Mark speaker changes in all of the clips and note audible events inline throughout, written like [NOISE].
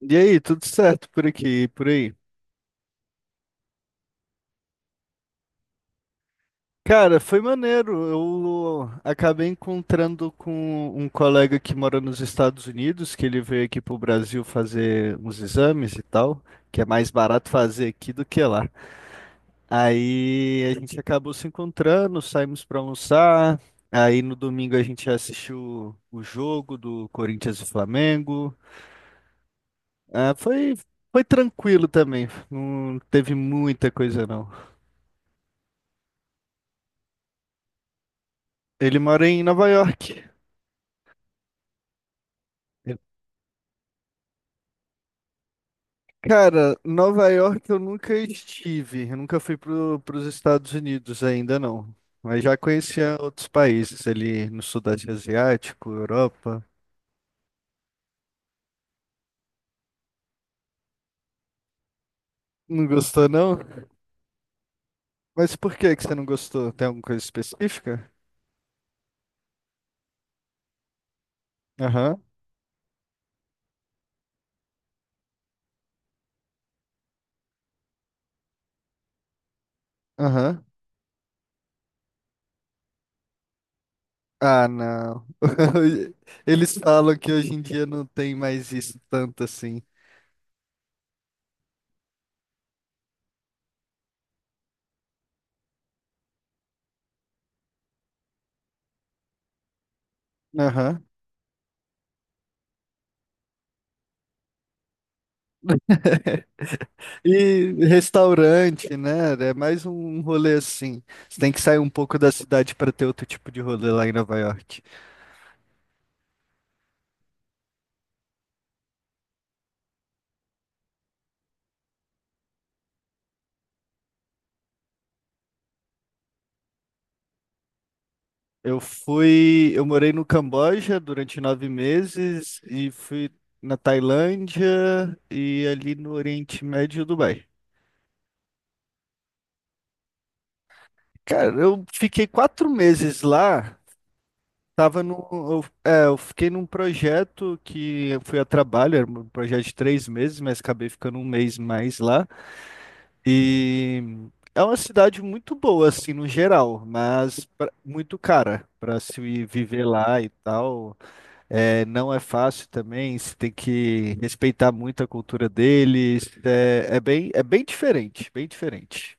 Speaker 1: E aí, tudo certo por aqui, e por aí? Cara, foi maneiro. Eu acabei encontrando com um colega que mora nos Estados Unidos, que ele veio aqui pro Brasil fazer uns exames e tal, que é mais barato fazer aqui do que lá. Aí a gente acabou se encontrando, saímos para almoçar. Aí no domingo a gente assistiu o jogo do Corinthians e Flamengo. Ah, foi tranquilo também, não teve muita coisa não. Ele mora em Nova York. Cara, Nova York eu nunca estive, eu nunca fui para os Estados Unidos ainda não, mas já conhecia outros países ali no Sudeste Asiático, Europa. Não gostou não? Mas por que que você não gostou? Tem alguma coisa específica? Aham, aham. Ah, não. [LAUGHS] Eles falam que hoje em dia não tem mais isso tanto assim. Aham. [LAUGHS] E restaurante, né? É mais um rolê assim. Você tem que sair um pouco da cidade para ter outro tipo de rolê lá em Nova York. Eu morei no Camboja durante 9 meses e fui na Tailândia e ali no Oriente Médio e Dubai. Cara, eu fiquei 4 meses lá. Tava no, eu, é, eu fiquei num projeto que eu fui a trabalho, era um projeto de 3 meses, mas acabei ficando um mês mais lá. E é uma cidade muito boa, assim, no geral, mas muito cara para se viver lá e tal. É, não é fácil também, você tem que respeitar muito a cultura deles. É bem diferente, bem diferente.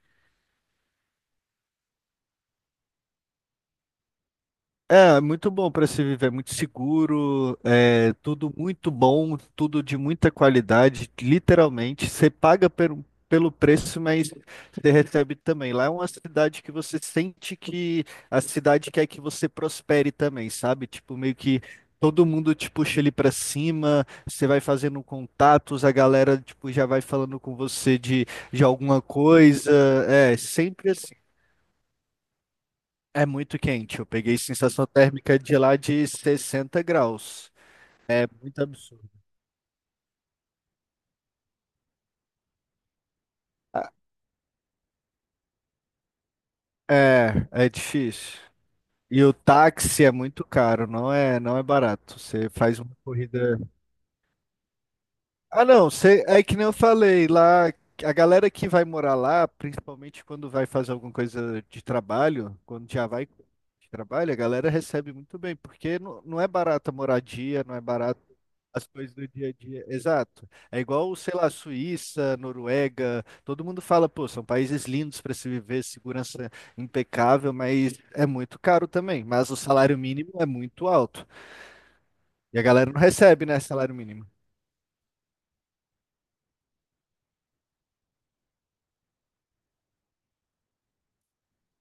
Speaker 1: É, muito bom para se viver, muito seguro, é tudo muito bom, tudo de muita qualidade, literalmente. Você paga pelo preço, mas você recebe também. Lá é uma cidade que você sente que a cidade quer que você prospere também, sabe? Tipo, meio que todo mundo te puxa ali para cima, você vai fazendo contatos, a galera tipo já vai falando com você de alguma coisa. É, sempre é muito quente. Eu peguei sensação térmica de lá de 60 graus. É muito absurdo. Ah, é difícil. E o táxi é muito caro, não é, não é barato. Você faz uma corrida. Ah, não, é que nem eu falei lá, a galera que vai morar lá, principalmente quando vai fazer alguma coisa de trabalho, quando já vai que trabalha, a galera recebe muito bem, porque não, não é barata a moradia, não é barato as coisas do dia a dia. Exato. É igual, sei lá, Suíça, Noruega, todo mundo fala, pô, são países lindos para se viver, segurança impecável, mas é muito caro também. Mas o salário mínimo é muito alto. E a galera não recebe, né, salário mínimo.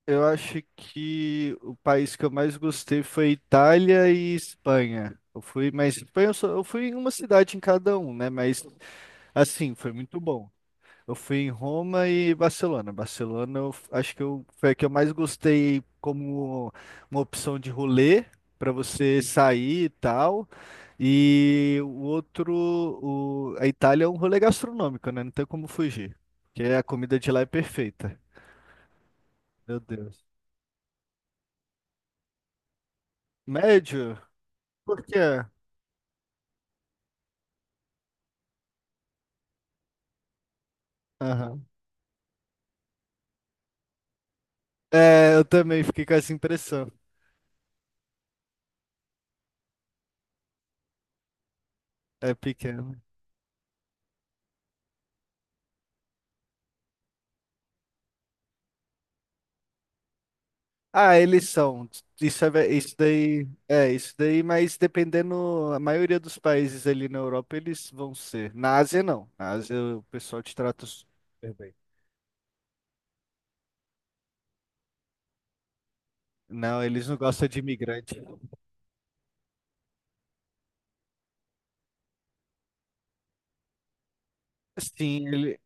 Speaker 1: Eu acho que o país que eu mais gostei foi Itália e Espanha. Eu fui, mas Espanha eu, só, eu fui em uma cidade em cada um, né? Mas assim, foi muito bom. Eu fui em Roma e Barcelona. Barcelona, acho que foi a que eu mais gostei como uma opção de rolê para você sair e tal. E o outro, a Itália é um rolê gastronômico, né? Não tem como fugir, porque a comida de lá é perfeita. Meu Deus. Médio? Por quê? Aham. É, eu também fiquei com essa impressão. É pequeno. Ah, eles são. Isso, é, isso daí. É, isso daí, mas dependendo. A maioria dos países ali na Europa, eles vão ser. Na Ásia, não. Na Ásia, o pessoal te trata. Super bem. Não, eles não gostam de imigrante. Sim, ele.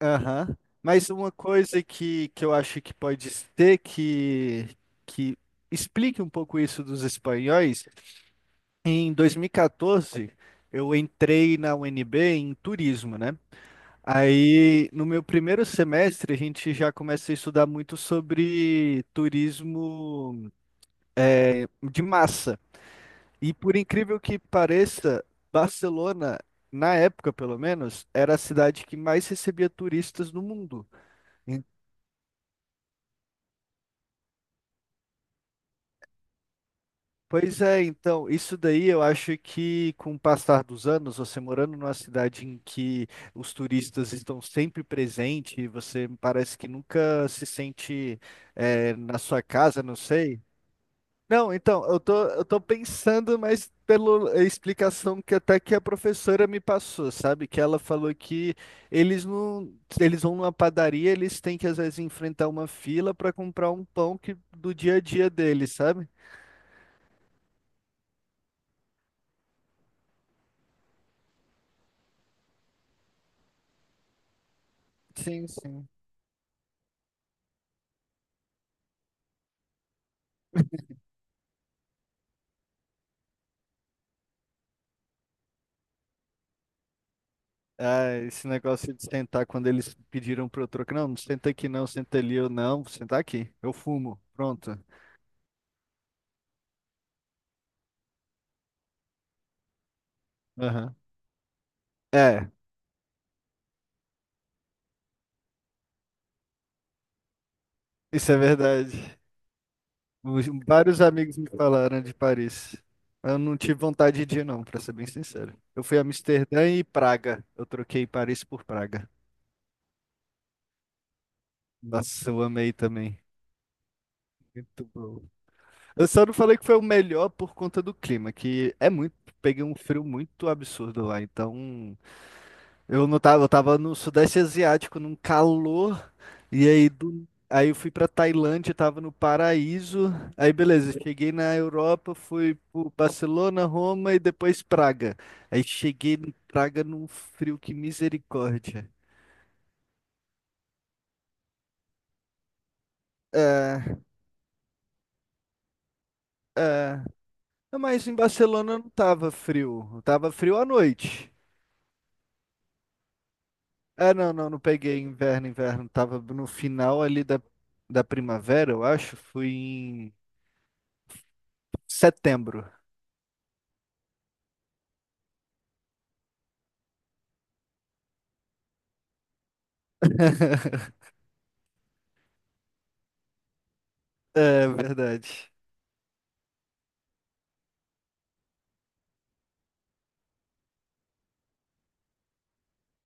Speaker 1: Aham. Mas uma coisa que eu acho que pode ser que explique um pouco isso dos espanhóis. Em 2014, eu entrei na UNB em turismo, né? Aí, no meu primeiro semestre, a gente já começa a estudar muito sobre turismo, eh, de massa. E por incrível que pareça, Barcelona, na época pelo menos, era a cidade que mais recebia turistas no mundo. En- Pois é, então, isso daí eu acho que com o passar dos anos, você morando numa cidade em que os turistas estão sempre presentes, você parece que nunca se sente, eh, na sua casa, não sei. Não, então, eu tô pensando, mas pela explicação que até que a professora me passou, sabe? Que ela falou que eles não, eles vão numa padaria, eles têm que às vezes enfrentar uma fila para comprar um pão que do dia a dia deles, sabe? Sim, sim. Ah, esse negócio de sentar quando eles pediram pro troco, não, não senta aqui não, senta ali, eu não, vou sentar aqui, eu fumo, pronto. Aham. É, isso é verdade. Vários amigos me falaram de Paris. Eu não tive vontade de ir, não, pra ser bem sincero. Eu fui a Amsterdã e Praga. Eu troquei Paris por Praga. Nossa, eu amei também. Muito bom. Eu só não falei que foi o melhor por conta do clima, que é muito. Peguei um frio muito absurdo lá. Então, eu não tava, eu tava no Sudeste Asiático, num calor. E aí, aí eu fui pra Tailândia, tava no paraíso. Aí beleza, cheguei na Europa, fui pro Barcelona, Roma e depois Praga. Aí cheguei em Praga num frio que misericórdia. É, é. Não, mas em Barcelona não tava frio, tava frio à noite. É, não, não, não peguei inverno, inverno. Tava no final ali da primavera, eu acho. Fui em setembro. [LAUGHS] É, verdade.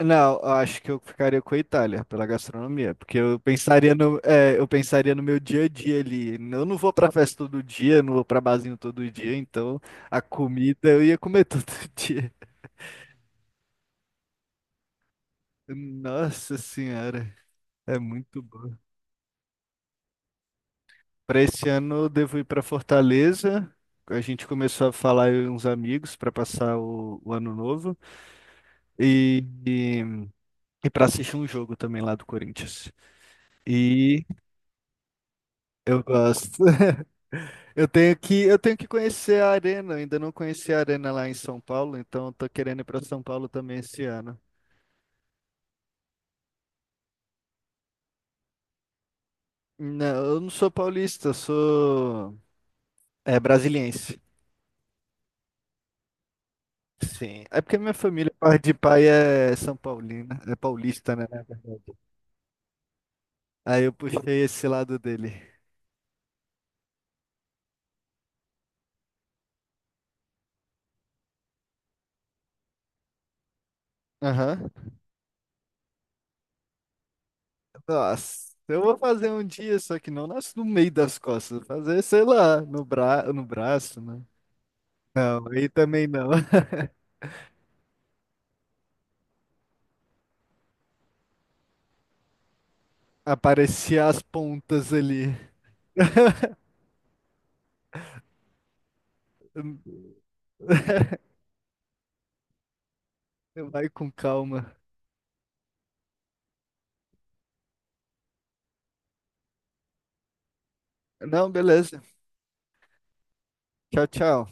Speaker 1: Não, eu acho que eu ficaria com a Itália pela gastronomia, porque eu pensaria no, é, eu pensaria no meu dia a dia ali. Eu não vou pra festa todo dia, não vou pra barzinho todo dia, então a comida eu ia comer [LAUGHS] todo dia. Nossa senhora, é muito bom. Para esse ano eu devo ir para Fortaleza. A gente começou a falar eu e uns amigos para passar o ano novo e, e, e para assistir um jogo também lá do Corinthians. E eu gosto. [LAUGHS] Eu tenho que conhecer a arena. Eu ainda não conheci a arena lá em São Paulo, então eu tô querendo ir para São Paulo também esse ano. Não, eu não sou paulista, eu sou é brasiliense. Sim, é porque minha família, parte de pai é São Paulina, é paulista, né? Aí eu puxei esse lado dele. Aham. Nossa, eu vou fazer um dia, só que não nasce no meio das costas, vou fazer, sei lá, no no braço, né? Não, aí também não. [LAUGHS] Aparecia as pontas ali. Vai com calma. Não, beleza. Tchau, tchau.